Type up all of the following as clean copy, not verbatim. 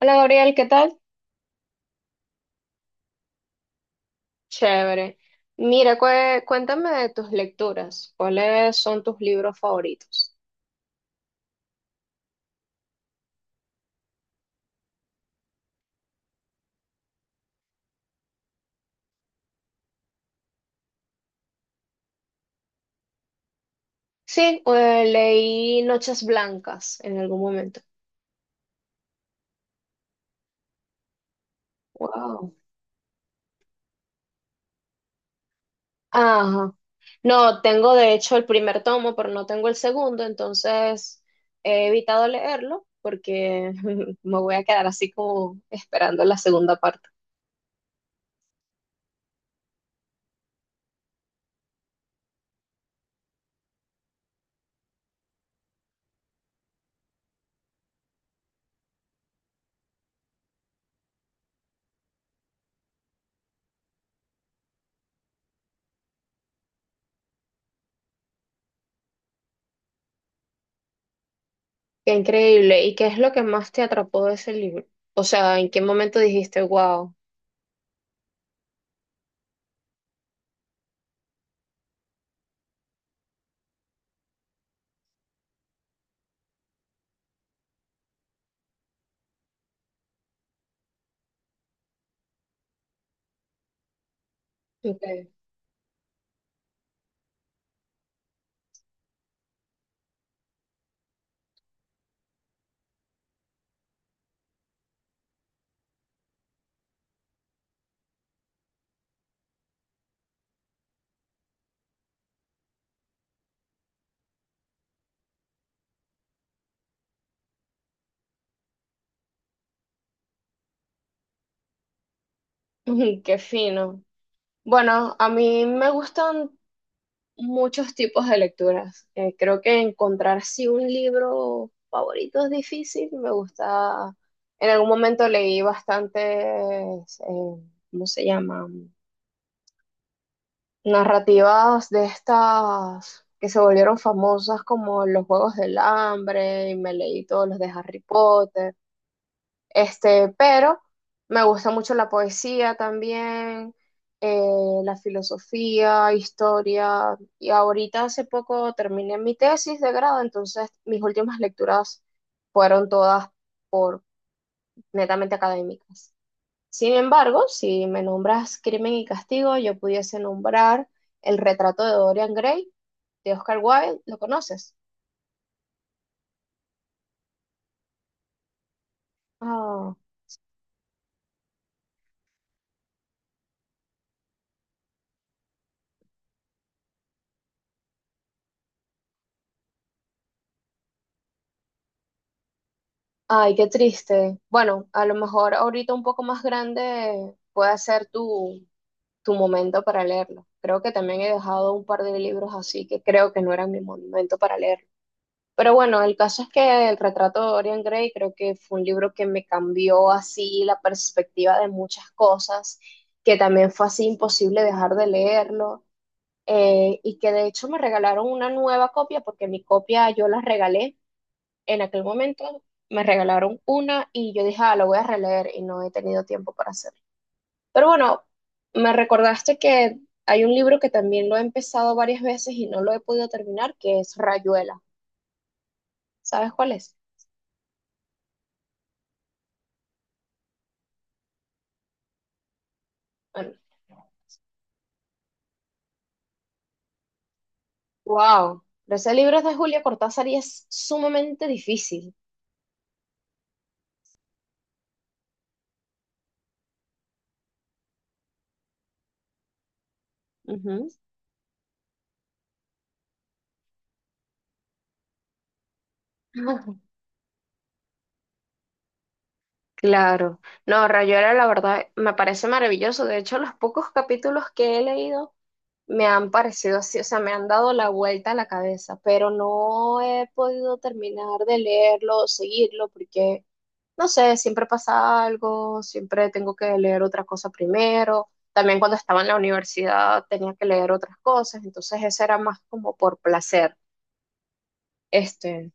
Hola Gabriel, ¿qué tal? Chévere. Mira, cuéntame de tus lecturas. ¿Cuáles son tus libros favoritos? Sí, leí Noches Blancas en algún momento. Wow. Ajá. No, tengo de hecho el primer tomo, pero no tengo el segundo, entonces he evitado leerlo porque me voy a quedar así como esperando la segunda parte. Qué increíble. ¿Y qué es lo que más te atrapó de ese libro? O sea, ¿en qué momento dijiste, wow? Ujú, qué fino. Bueno, a mí me gustan muchos tipos de lecturas. Creo que encontrar sí un libro favorito es difícil. Me gusta. En algún momento leí bastantes, eh, ¿cómo se llaman? Narrativas de estas que se volvieron famosas como Los Juegos del Hambre y me leí todos los de Harry Potter. Pero me gusta mucho la poesía también, la filosofía, historia. Y ahorita hace poco terminé mi tesis de grado, entonces mis últimas lecturas fueron todas por netamente académicas. Sin embargo, si me nombras Crimen y Castigo, yo pudiese nombrar El retrato de Dorian Gray de Oscar Wilde. ¿Lo conoces? Ah. Ay, qué triste. Bueno, a lo mejor ahorita un poco más grande puede ser tu, tu momento para leerlo. Creo que también he dejado un par de libros así que creo que no eran mi momento para leerlo. Pero bueno, el caso es que El retrato de Dorian Gray creo que fue un libro que me cambió así la perspectiva de muchas cosas, que también fue así imposible dejar de leerlo, y que de hecho me regalaron una nueva copia porque mi copia yo la regalé en aquel momento, me regalaron una y yo dije, ah, lo voy a releer y no he tenido tiempo para hacerlo. Pero bueno, me recordaste que hay un libro que también lo he empezado varias veces y no lo he podido terminar, que es Rayuela. ¿Sabes cuál es? Bueno, wow. Pero ese libro es de Julia Cortázar y es sumamente difícil. Ujú. Claro, no, Rayuela, la verdad me parece maravilloso. De hecho, los pocos capítulos que he leído me han parecido así, o sea, me han dado la vuelta a la cabeza, pero no he podido terminar de leerlo o seguirlo porque, no sé, siempre pasa algo, siempre tengo que leer otra cosa primero. También cuando estaba en la universidad tenía que leer otras cosas, entonces eso era más como por placer. Este,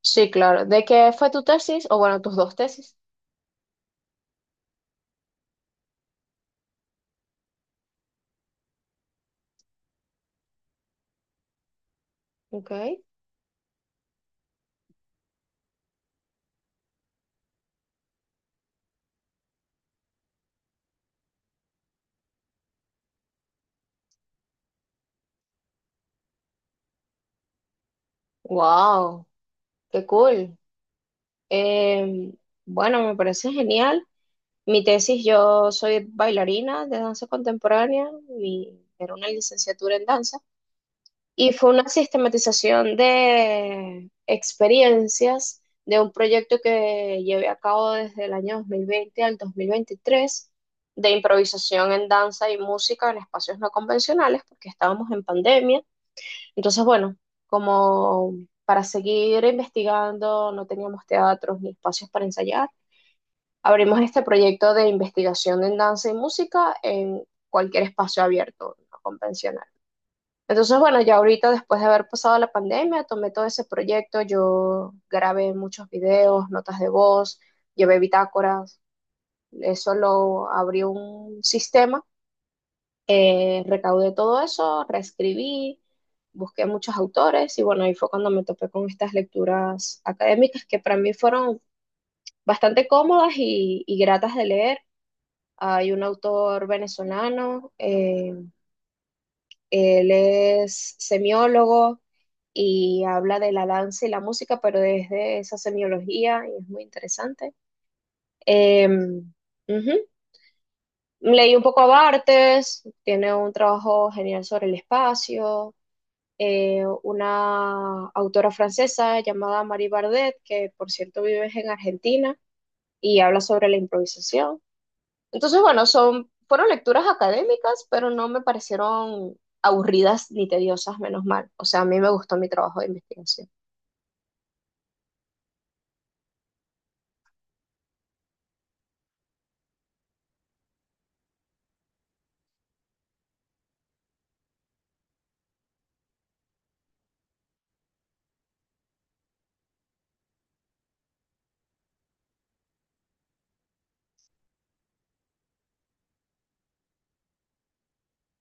sí, claro. ¿De qué fue tu tesis? O bueno, tus dos tesis. Ok. Wow. Qué cool. Eh, bueno, me parece genial. Mi tesis, yo soy bailarina de danza contemporánea, era una licenciatura en danza, y fue una sistematización de experiencias de un proyecto que llevé a cabo desde el año 2020 al 2023 de improvisación en danza y música en espacios no convencionales, porque estábamos en pandemia, entonces, bueno, como para seguir investigando, no teníamos teatros ni espacios para ensayar, abrimos este proyecto de investigación en danza y música en cualquier espacio abierto, no convencional. Entonces, bueno, ya ahorita después de haber pasado la pandemia, tomé todo ese proyecto, yo grabé muchos videos, notas de voz, llevé bitácoras, eso lo abrió un sistema, recaudé todo eso, reescribí, busqué muchos autores y bueno, ahí fue cuando me topé con estas lecturas académicas que para mí fueron bastante cómodas y gratas de leer. Hay un autor venezolano, él es semiólogo y habla de la danza y la música, pero desde esa semiología y es muy interesante. Em, ujú. Leí un poco a Bartes, tiene un trabajo genial sobre el espacio, una autora francesa llamada Marie Bardet, que por cierto vive en Argentina y habla sobre la improvisación. Entonces, bueno, fueron lecturas académicas, pero no me parecieron aburridas ni tediosas, menos mal. O sea, a mí me gustó mi trabajo de investigación.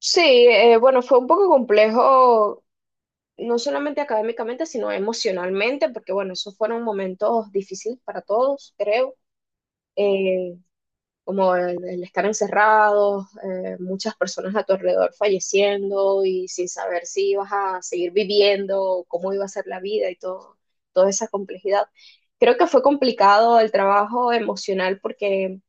Sí, bueno, fue un poco complejo, no solamente académicamente, sino emocionalmente, porque bueno, esos fueron momentos difíciles para todos, creo. Eh, como el estar encerrados, muchas personas a tu alrededor falleciendo y sin saber si ibas a seguir viviendo, cómo iba a ser la vida y todo, toda esa complejidad. Creo que fue complicado el trabajo emocional porque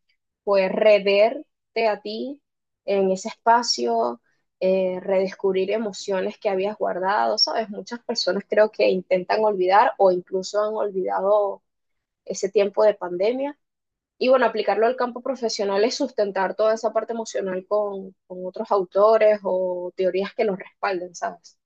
fue reverte a ti en ese espacio, redescubrir emociones que habías guardado, ¿sabes? Muchas personas creo que intentan olvidar o incluso han olvidado ese tiempo de pandemia y bueno, aplicarlo al campo profesional es sustentar toda esa parte emocional con otros autores o teorías que los respalden, ¿sabes?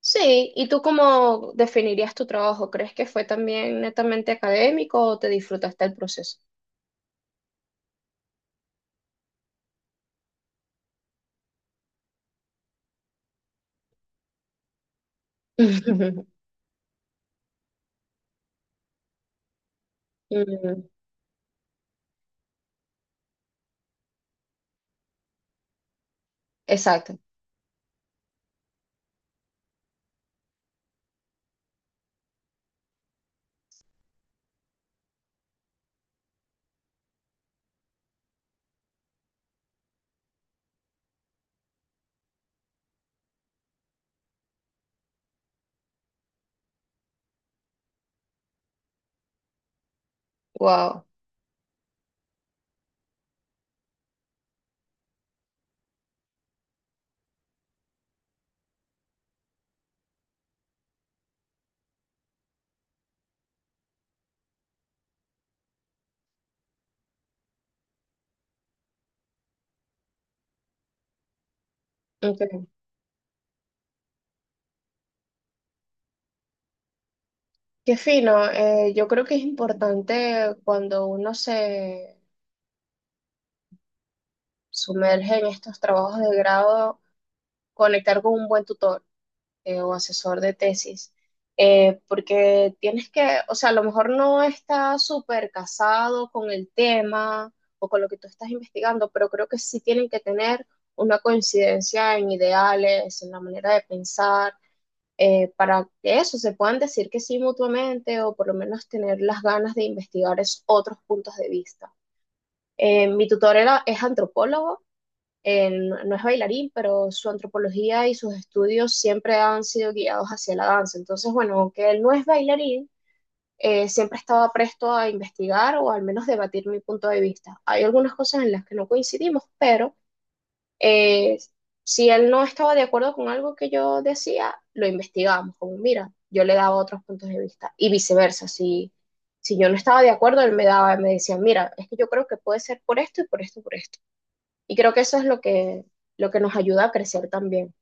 Sí, ¿y tú cómo definirías tu trabajo? ¿Crees que fue también netamente académico o te disfrutaste el proceso? Mm, exacto, wow. Ok. Qué fino. Yo creo que es importante cuando uno se sumerge en estos trabajos de grado conectar con un buen tutor, o asesor de tesis, porque tienes que, o sea, a lo mejor no está súper casado con el tema o con lo que tú estás investigando, pero creo que sí tienen que tener una coincidencia en ideales, en la manera de pensar, para que eso se puedan decir que sí mutuamente o por lo menos tener las ganas de investigar esos otros puntos de vista. Mi tutor es antropólogo no es bailarín, pero su antropología y sus estudios siempre han sido guiados hacia la danza. Entonces, bueno, aunque él no es bailarín, siempre estaba presto a investigar o al menos debatir mi punto de vista. Hay algunas cosas en las que no coincidimos, pero eh, si él no estaba de acuerdo con algo que yo decía, lo investigábamos, como mira, yo le daba otros puntos de vista y viceversa, si... Si yo no estaba de acuerdo, él me daba, me decía, mira, es que yo creo que puede ser por esto y por esto, por esto. Y creo que eso es lo que nos ayuda a crecer también,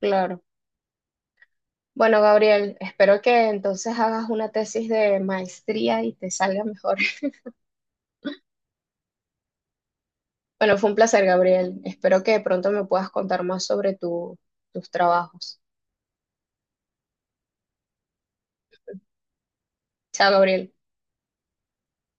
claro. Bueno, Gabriel, espero que entonces hagas una tesis de maestría y te salga mejor. Bueno, fue un placer, Gabriel. Espero que pronto me puedas contar más sobre tus trabajos. Chao, Gabriel.